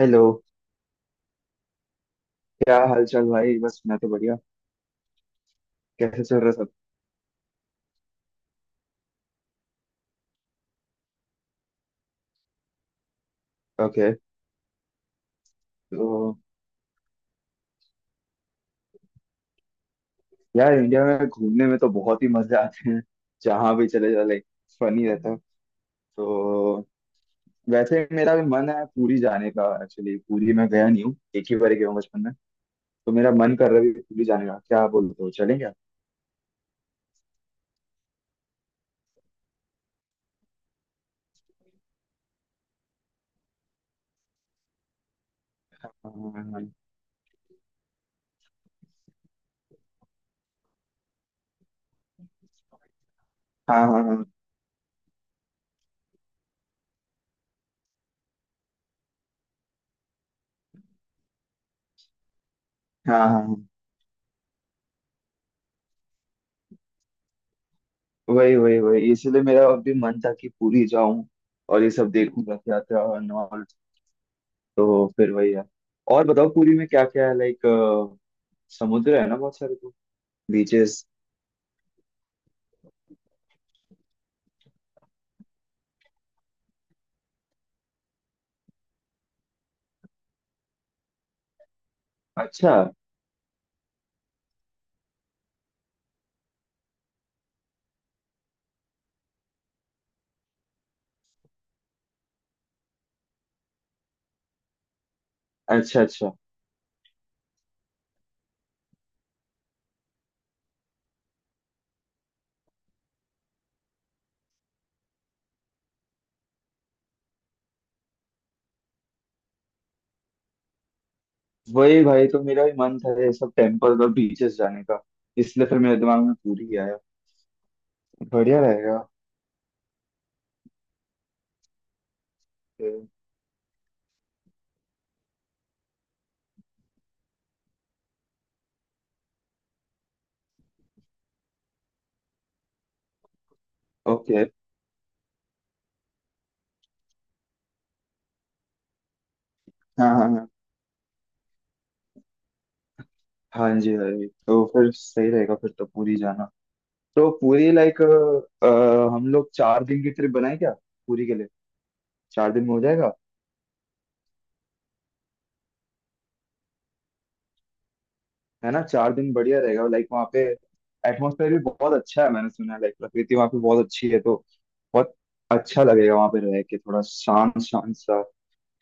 Hello. क्या हाल चाल भाई? बस मैं तो बढ़िया। कैसे चल रहा सब? ओके। तो यार इंडिया में घूमने में तो बहुत ही मजे आते हैं। जहाँ भी चले जाओ, लाइक फनी रहता है। तो वैसे मेरा भी मन है पूरी जाने का। एक्चुअली पूरी मैं गया नहीं हूँ, एक ही बार गया हूँ बचपन में। तो मेरा मन कर रहा है अभी पूरी जाने का, क्या बोलते हो चलें क्या? हाँ हाँ हाँ। हाँ हाँ हाँ, हाँ। वही वही वही, इसलिए मेरा अभी मन था कि पूरी जाऊं और ये सब देखूं, रथ यात्रा और all। तो फिर वही है। और बताओ पुरी में क्या क्या है, लाइक समुद्र है ना बहुत सारे, तो बीचेस। अच्छा अच्छा अच्छा। वही भाई, तो मेरा भी मन था ये सब टेम्पल और बीचेस जाने का, इसलिए फिर मेरे दिमाग में पूरी आया। बढ़िया रहेगा फिर। ओके। हाँ हाँ हाँ। हाँ जी भाई, तो फिर सही रहेगा फिर तो पूरी जाना। तो पूरी, लाइक हम लोग 4 दिन की ट्रिप बनाए क्या पूरी के लिए, 4 दिन में हो जाएगा? है ना 4 दिन बढ़िया रहेगा। लाइक वहाँ पे एटमोसफेयर भी बहुत अच्छा है, मैंने सुना है लाइक प्रकृति वहाँ पे बहुत अच्छी है। तो बहुत अच्छा लगेगा वहाँ पे रह के, थोड़ा शांत शांत सा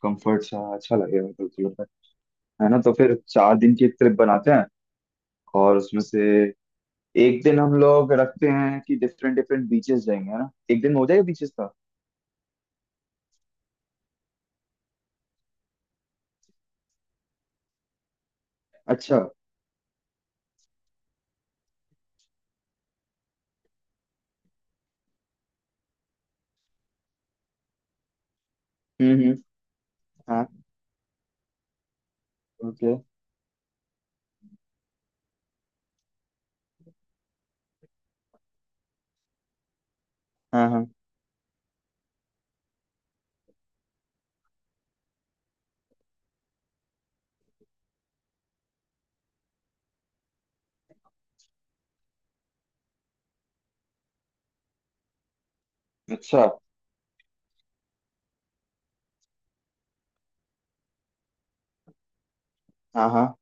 कंफर्ट सा अच्छा लगेगा, तो थोड़ा सा। है ना, तो फिर 4 दिन की ट्रिप बनाते हैं। और उसमें से एक दिन हम लोग रखते हैं कि डिफरेंट डिफरेंट बीचेस जाएंगे, है ना एक दिन में हो जाएगा बीचेस का। अच्छा। हम्म। हाँ। ओके। हाँ हाँ। अच्छा। हाँ हाँ।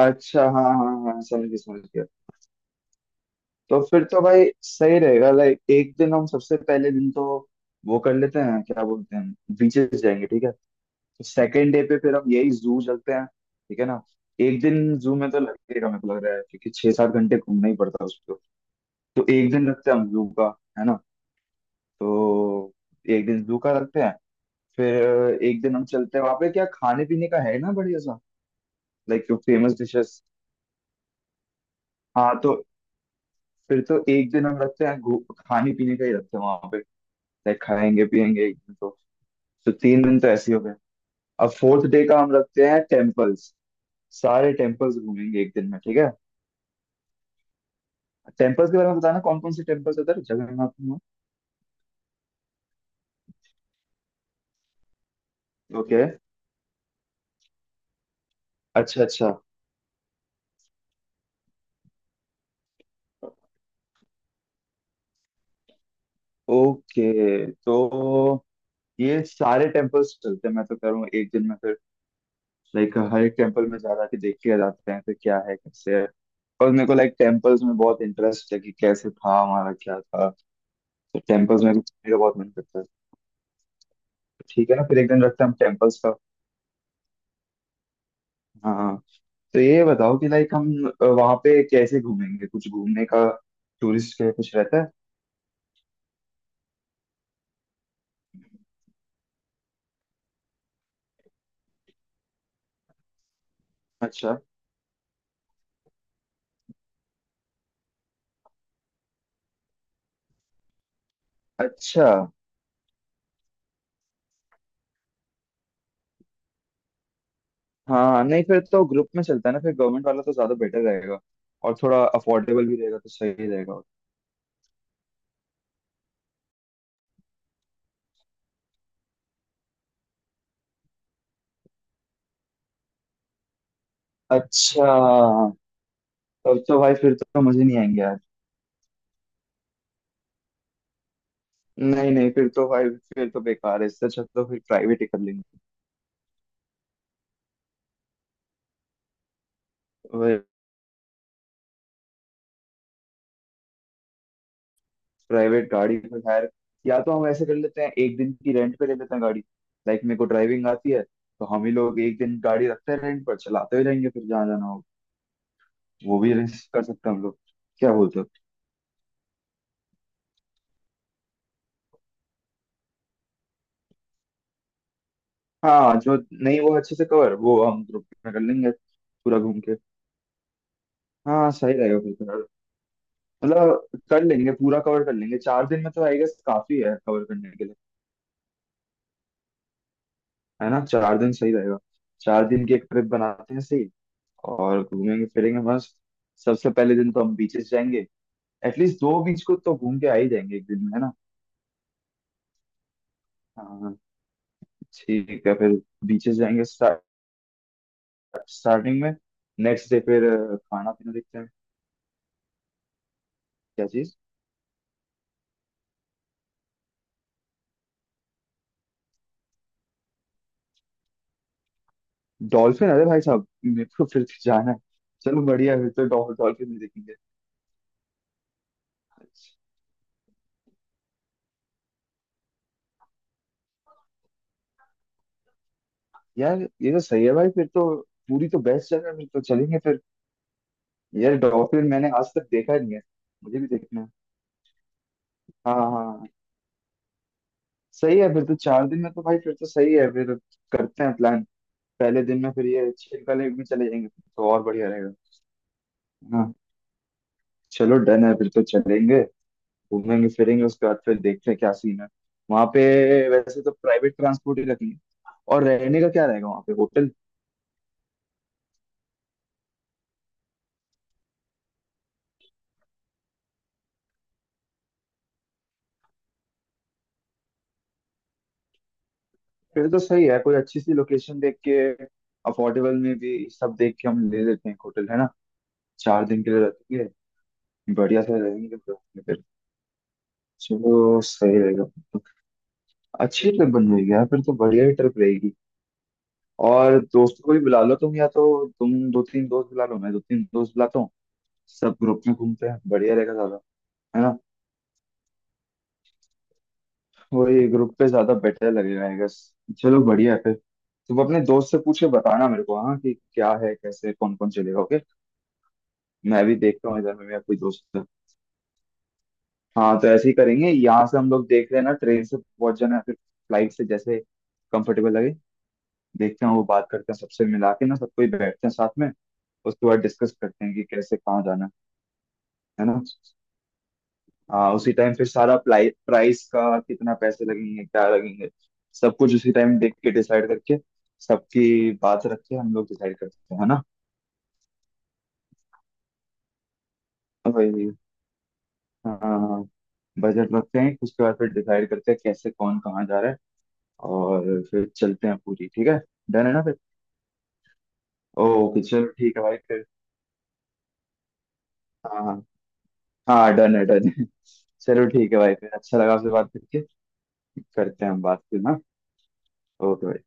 अच्छा हाँ हाँ हाँ, समझ गया समझ गया। तो फिर तो भाई सही रहेगा, लाइक एक दिन हम सबसे पहले दिन तो वो कर लेते हैं, क्या बोलते हैं, बीचेस जाएंगे ठीक है। तो सेकेंड डे पे फिर हम यही जू चलते हैं, ठीक है ना? एक दिन जू में तो लगेगा मेरे को लग रहा है, क्योंकि 6-7 घंटे घूमना ही पड़ता है उसको। तो एक दिन रखते हैं हम जू का, है ना। तो एक दिन जू का रखते हैं। फिर एक दिन हम चलते हैं वहां पे क्या खाने पीने का, है ना बढ़िया सा, लाइक जो फेमस डिशेस। हाँ, तो फिर तो एक दिन हम रखते हैं खाने पीने का ही रखते हैं वहां पे, लाइक खाएंगे पियेंगे एक दिन तो। तो 3 दिन तो ऐसे ही हो गए। अब फोर्थ डे का हम रखते हैं टेम्पल्स, सारे टेम्पल्स घूमेंगे एक दिन में ठीक है। टेम्पल्स के बारे में बताना, कौन कौन से टेम्पल्स है उधर जगन्नाथ में। ओके। अच्छा अच्छा। ओके। तो ये सारे टेम्पल्स चलते हैं, मैं तो कह रहा हूँ एक दिन में फिर, लाइक हर एक टेम्पल में जा रहा के देख के आ जाते हैं, फिर क्या है कैसे है। और मेरे को लाइक टेम्पल्स में बहुत इंटरेस्ट है कि कैसे था हमारा, क्या था। तो टेम्पल्स में घूमने का बहुत मन करता है। ठीक है ना, फिर एक दिन रखते हैं हम टेम्पल्स का। हाँ हाँ। तो ये बताओ कि लाइक हम वहां पे कैसे घूमेंगे, कुछ घूमने का टूरिस्ट के लिए कुछ रहता है? अच्छा। अच्छा। हाँ नहीं, फिर तो ग्रुप में चलता है ना, फिर गवर्नमेंट वाला तो ज्यादा बेटर रहेगा और थोड़ा अफोर्डेबल भी रहेगा, तो सही रहेगा। अच्छा। तब तो भाई फिर तो मजे नहीं आएंगे यार। नहीं नहीं, फिर तो भाई फिर तो बेकार है, इससे अच्छा तो फिर प्राइवेट ही कर लेंगे। प्राइवेट गाड़ी में खैर, या तो हम ऐसे कर लेते हैं एक दिन की रेंट पे ले लेते हैं गाड़ी, लाइक मेरे को ड्राइविंग आती है, तो हम ही लोग एक दिन गाड़ी रखते हैं रेंट पर चलाते हुए जाएंगे फिर जहाँ जाना हो, वो भी arrange कर सकते हैं हम लोग, क्या बोलते हो? हाँ जो, नहीं वो अच्छे से कवर, वो हम ग्रुप में कर लेंगे पूरा घूम के। हाँ सही रहेगा फिर तो यार। मतलब कर लेंगे, पूरा कवर कर लेंगे 4 दिन में तो, आई गेस काफी है कवर करने के लिए। है ना, चार दिन सही रहेगा। चार दिन की एक ट्रिप बनाते हैं, सही। और घूमेंगे फिरेंगे मस्त। सबसे पहले दिन तो हम बीचेस जाएंगे, एटलीस्ट 2 बीच को तो घूम के आ ही जाएंगे एक दिन में, है ना। हाँ ठीक है फिर, बीचेस जाएंगे स्टार्टिंग में। नेक्स्ट डे फिर खाना पीना देखते हैं। क्या चीज? डॉल्फिन, अरे भाई साहब मेरे को फिर से जाना है। चलो बढ़िया है, फिर तो डॉल्फिन भी देखेंगे। अच्छा। यार ये तो सही है भाई फिर तो। पूरी तो बेस्ट जगह है, फिर तो चलेंगे फिर। यार डॉल्फिन मैंने आज तक देखा नहीं है, मुझे भी देखना है। हाँ हाँ हाँ। सही है फिर तो, 4 दिन में तो भाई फिर तो सही है फिर, करते हैं प्लान। पहले दिन में फिर ये छिलका लेक भी चले जाएंगे, फिर तो और बढ़िया रहेगा, है ना। चलो डन है, फिर तो चलेंगे, घूमेंगे फिरेंगे, उसके बाद फिर देखते हैं क्या सीन है वहां पे। वैसे तो प्राइवेट ट्रांसपोर्ट ही रखेंगे। और रहने का क्या रहेगा वहां पे, होटल? फिर तो सही है, कोई अच्छी सी लोकेशन देख के अफोर्डेबल में भी सब देख के हम ले लेते हैं एक होटल, है ना 4 दिन के लिए रखेंगे, बढ़िया से रहेंगे तो फिर। चलो सही रहेगा। अच्छी ट्रिप बन गई यार, फिर तो बढ़िया ही ट्रिप रहेगी। और दोस्तों को भी बुला लो तुम, या तो तुम दो तीन दोस्त बुला लो, मैं दो तीन दोस्त बुलाता हूँ, सब ग्रुप में घूमते हैं बढ़िया रहेगा ज्यादा, है ना। वही ग्रुप पे ज्यादा बेटर लगेगा आई गेस। चलो बढ़िया है फिर, तुम अपने दोस्त से पूछ के बताना मेरे को, हाँ कि क्या है कैसे कौन कौन चलेगा, ओके। मैं भी देखता हूँ इधर में मेरा कोई दोस्त है। हाँ तो ऐसे ही करेंगे, यहाँ से हम लोग देख रहे हैं ना, ट्रेन से पहुंच जाना है, फिर फ्लाइट से जैसे कंफर्टेबल लगे देखते हैं, वो बात करते हैं सबसे मिला के ना, सबको ही बैठते हैं साथ में, उसके बाद डिस्कस करते हैं कि कैसे कहाँ जाना, है ना। हाँ, उसी टाइम फिर सारा प्लाई प्राइस का कितना पैसे लगेंगे क्या लगेंगे, सब कुछ उसी टाइम देख के डिसाइड करके, सबकी बात रख के हम लोग डिसाइड करते हैं, है ना। तो वही। हाँ, बजट रखते हैं उसके बाद फिर डिसाइड करते हैं कैसे कौन कहाँ जा रहा है, और फिर चलते हैं पूरी, ठीक है डन है ना फिर। ओके चलो ठीक है भाई फिर। हाँ हाँ हाँ। डन है चलो ठीक है भाई फिर, अच्छा लगा आपसे बात करके, करते हैं हम बात फिर ना। ओके भाई।